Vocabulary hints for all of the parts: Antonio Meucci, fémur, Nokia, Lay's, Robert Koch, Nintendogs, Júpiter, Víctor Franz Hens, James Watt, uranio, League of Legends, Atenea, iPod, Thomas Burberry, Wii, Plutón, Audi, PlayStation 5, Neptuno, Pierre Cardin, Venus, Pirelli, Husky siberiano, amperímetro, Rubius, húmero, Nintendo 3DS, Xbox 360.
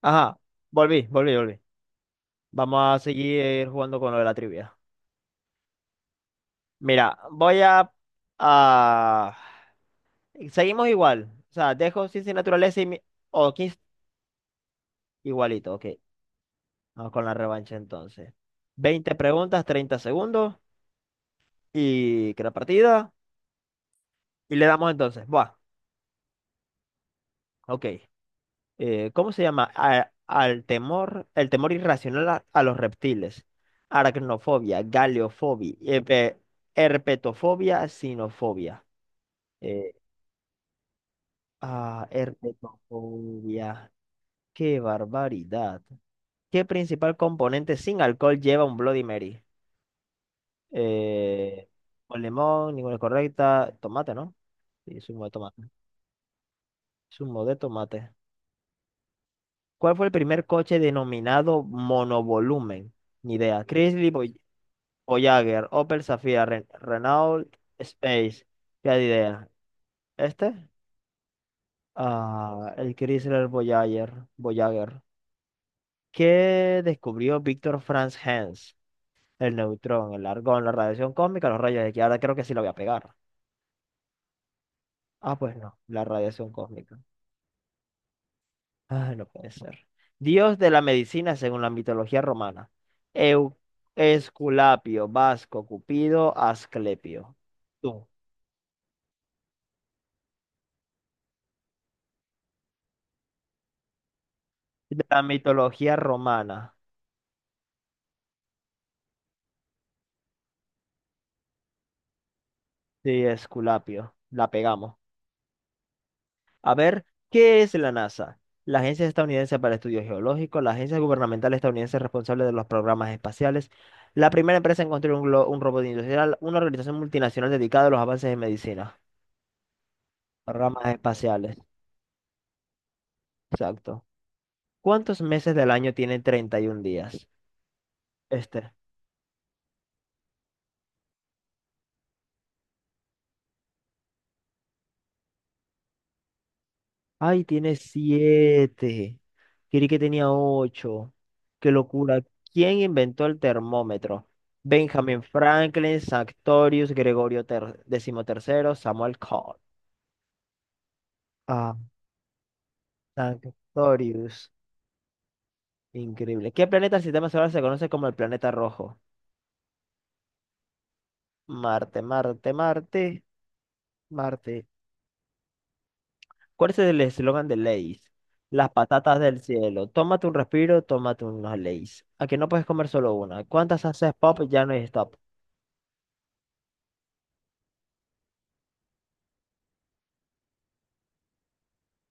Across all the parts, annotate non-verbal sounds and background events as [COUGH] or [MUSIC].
Ajá, volví, volví, volví. Vamos a seguir jugando con lo de la trivia. Mira, a- seguimos igual. O sea, dejo sin naturaleza o 15 igualito, ok. Vamos con la revancha entonces. 20 preguntas, 30 segundos y que la partida. Y le damos entonces. Buah, ok. ¿Cómo se llama? El temor irracional a los reptiles. Aracnofobia, galeofobia, herpetofobia, sinofobia. Eh, Ah, herpetofobia. Qué barbaridad. ¿Qué principal componente sin alcohol lleva un Bloody Mary? Eh, con limón, ninguna es correcta. Tomate, ¿no? Sí, zumo de tomate. Zumo de tomate. ¿Cuál fue el primer coche denominado monovolumen? Ni idea. Chrysler Voyager, Opel Zafira, Renault Space. ¿Qué idea? ¿Este? Ah, el Chrysler Voyager. Voyager. ¿Qué descubrió Víctor Franz Hens? El neutrón, el argón, la radiación cósmica, los rayos X. Ahora creo que sí la voy a pegar. Ah, pues no, la radiación cósmica. Ah, no puede ser. Dios de la medicina según la mitología romana. Eu- Esculapio, Vasco, Cupido, Asclepio. Tú. De la mitología romana. Sí, Esculapio. La pegamos. A ver, ¿qué es la NASA? La Agencia Estadounidense para Estudios Geológicos, la agencia gubernamental estadounidense responsable de los programas espaciales, la primera empresa en construir un robot industrial, una organización multinacional dedicada a los avances en medicina, ramas espaciales, exacto. ¿Cuántos meses del año tiene 31 días? Este. Ay, tiene siete. Creí que tenía ocho. Qué locura. ¿Quién inventó el termómetro? Benjamin Franklin, Sanctorius, Gregorio XIII, Samuel Cole. Ah, Sanctorius. Increíble. ¿Qué planeta del sistema solar se conoce como el planeta rojo? Marte, Marte, Marte, Marte. ¿Cuál es el eslogan de Lay's? Las patatas del cielo. Tómate un respiro, tómate unos Lay's. Aquí no puedes comer solo una. ¿Cuántas haces pop? Ya no hay stop.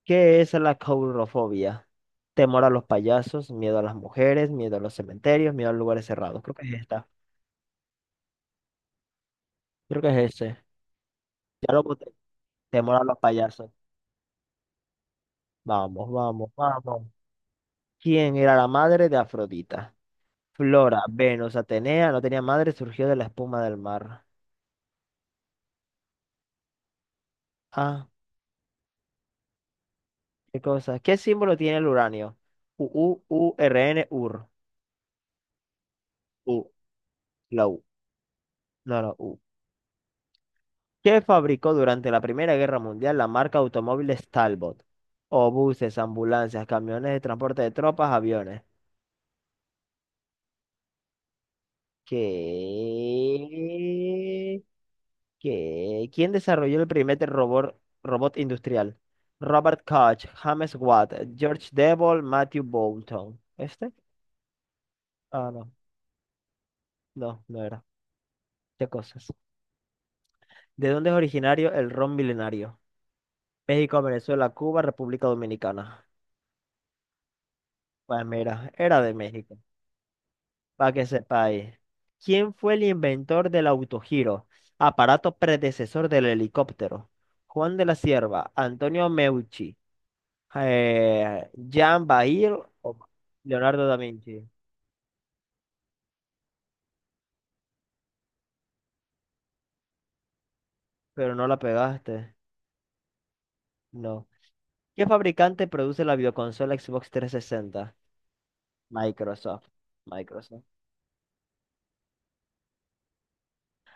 ¿Qué es la caurofobia? Temor a los payasos, miedo a las mujeres, miedo a los cementerios, miedo a lugares cerrados. Creo que es esta. Creo que es ese. Ya lo boté. Temor a los payasos. Vamos, vamos, vamos. ¿Quién era la madre de Afrodita? Flora, Venus, Atenea, no tenía madre, surgió de la espuma del mar. Ah, qué cosa. ¿Qué símbolo tiene el uranio? U, U, U, R, N, u r U, la U. No, la U. Que fabricó durante la Primera Guerra Mundial la marca automóviles Talbot, o buses, ambulancias, camiones de transporte de tropas, aviones. ¿Qué? ¿Qué? ¿Quién desarrolló el primer robot industrial? Robert Koch, James Watt, George Devol, Matthew Boulton. ¿Este? Ah, no, no, no era. ¿Qué cosas? ¿De dónde es originario el ron milenario? México, Venezuela, Cuba, República Dominicana. Pues mira, era de México. Para que sepáis, ¿quién fue el inventor del autogiro, aparato predecesor del helicóptero? Juan de la Cierva, Antonio Meucci, Jean Bail o Leonardo da Vinci. Pero no la pegaste, no. ¿Qué fabricante produce la videoconsola Xbox 360? Microsoft. Microsoft.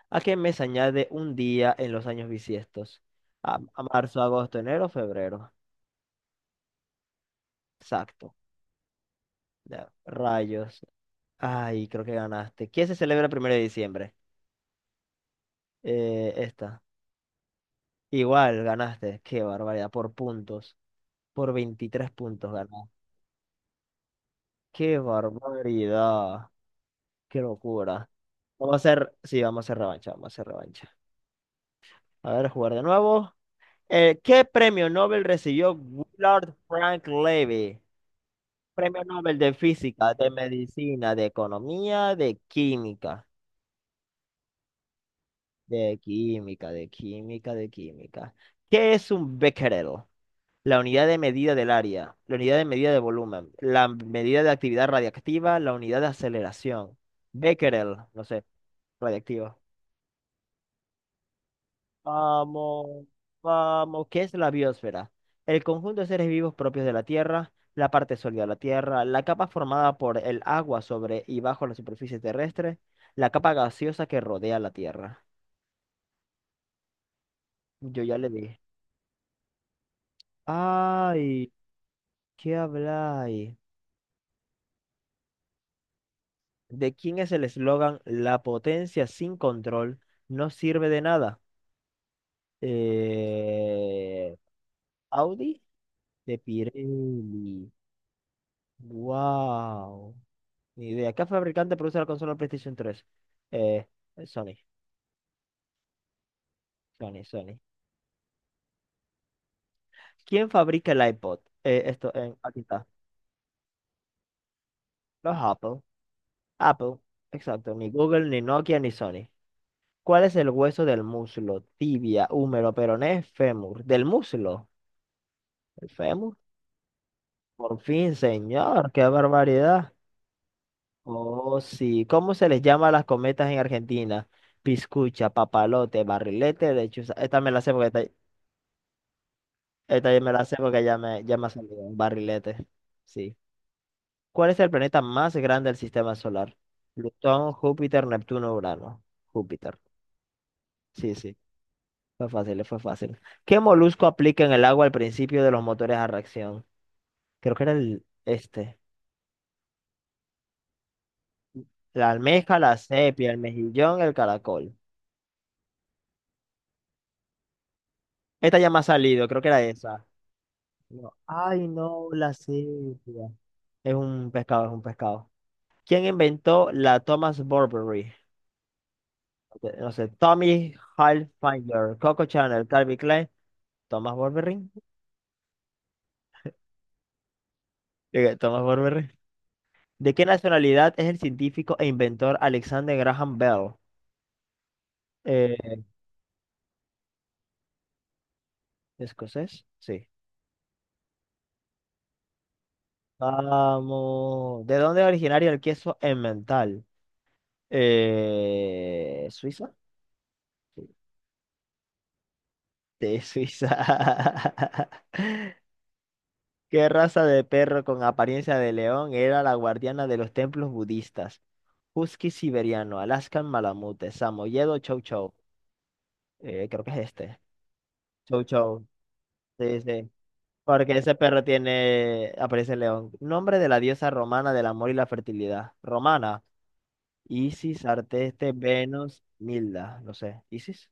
¿A qué mes añade un día en los años bisiestos? A marzo, agosto, enero, febrero. Exacto. Ya, rayos. Ay, creo que ganaste. ¿Qué se celebra el 1 de diciembre? Esta. Igual, ganaste. Qué barbaridad. Por puntos. Por 23 puntos ganó. Qué barbaridad. Qué locura. Vamos a hacer, sí, vamos a hacer revancha, vamos a hacer revancha. A ver, jugar de nuevo. ¿Qué premio Nobel recibió Willard Frank Levy? Premio Nobel de Física, de Medicina, de Economía, de Química. De química, de química, de química. ¿Qué es un becquerel? La unidad de medida del área, la unidad de medida de volumen, la medida de actividad radiactiva, la unidad de aceleración. Becquerel, no sé, radiactiva. Vamos, vamos, ¿qué es la biosfera? El conjunto de seres vivos propios de la Tierra, la parte sólida de la Tierra, la capa formada por el agua sobre y bajo la superficie terrestre, la capa gaseosa que rodea la Tierra. Yo ya le dije. Ay, ¿qué habláis? ¿De quién es el eslogan "La potencia sin control no sirve de nada"? Eh, Audi de Pirelli. Wow. Ni idea. ¿Qué fabricante produce la consola PlayStation 3? Eh, Sony, Sony, Sony. ¿Quién fabrica el iPod? Esto, aquí está. Los Apple. Apple. Exacto. Ni Google, ni Nokia, ni Sony. ¿Cuál es el hueso del muslo? Tibia, húmero, peroné, fémur. ¿Del muslo? ¿El fémur? Por fin, señor, qué barbaridad. Oh, sí. ¿Cómo se les llama a las cometas en Argentina? Piscucha, papalote, barrilete. De hecho, esta me la sé porque esta ya me la sé porque ya me ha salido un barrilete. Sí. ¿Cuál es el planeta más grande del sistema solar? Plutón, Júpiter, Neptuno, Urano. Júpiter. Sí, sí. Fue fácil, fue fácil. ¿Qué molusco aplica en el agua al principio de los motores a reacción? Creo que era el este. La almeja, la sepia, el mejillón, el caracol. Esta ya me ha salido, creo que era esa. No. Ay, no, la cebra. Es un pescado, es un pescado. ¿Quién inventó la Thomas Burberry? Ok, no sé, Tommy Hilfiger, Coco Chanel, Calvin Klein, Thomas Burberry. Thomas Burberry. ¿De qué nacionalidad es el científico e inventor Alexander Graham Bell? Eh, ¿Escocés? Sí. Vamos. ¿De dónde es originario el queso emmental? ¿Suiza? Sí, de Suiza. [LAUGHS] ¿Qué raza de perro con apariencia de león era la guardiana de los templos budistas? Husky siberiano, Alaskan malamute, samoyedo chow chow. Creo que es este. Chow chow. Sí, sí. Porque ese perro tiene aparece de león. Nombre de la diosa romana del amor y la fertilidad. Romana. Isis, Arteste, Venus, Milda. No sé. ¿Isis?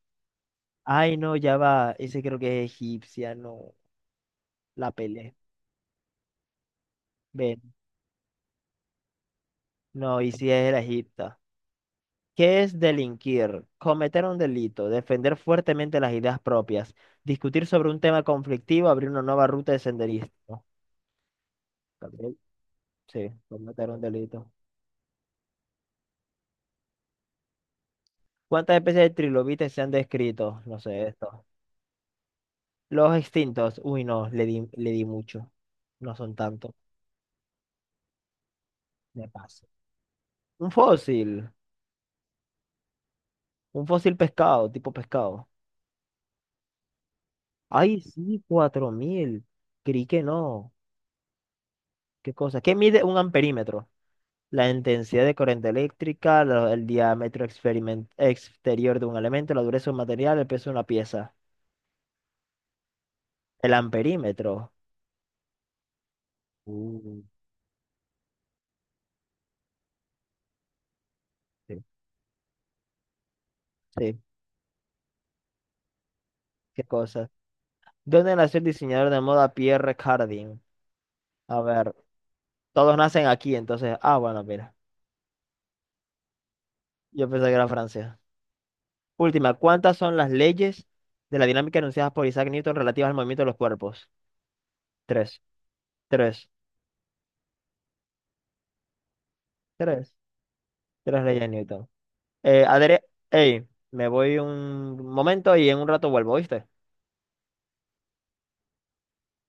Ay, no, ya va. Ese creo que es egipcia, no. La pele Ven. No, Isis es la egipta. ¿Qué es delinquir? Cometer un delito, defender fuertemente las ideas propias, discutir sobre un tema conflictivo, abrir una nueva ruta de senderismo. Gabriel, sí, cometer un delito. ¿Cuántas especies de trilobites se han descrito? No sé esto. Los extintos. Uy, no, le di mucho. No son tantos. Me paso. Un fósil. Un fósil pescado, tipo pescado. Ay, sí, 4.000. Creí que no. ¿Qué cosa? ¿Qué mide un amperímetro? La intensidad de corriente eléctrica, el diámetro exterior de un elemento, la dureza de un material, el peso de una pieza, el amperímetro. Uh, sí. Sí, qué cosa. ¿Dónde nació el diseñador de moda Pierre Cardin? A ver, todos nacen aquí, entonces. Ah, bueno, mira. Yo pensé que era Francia. Última, ¿cuántas son las leyes de la dinámica enunciadas por Isaac Newton relativas al movimiento de los cuerpos? Tres, tres, tres, tres leyes de Newton. Adri, ey, me voy un momento y en un rato vuelvo, ¿viste?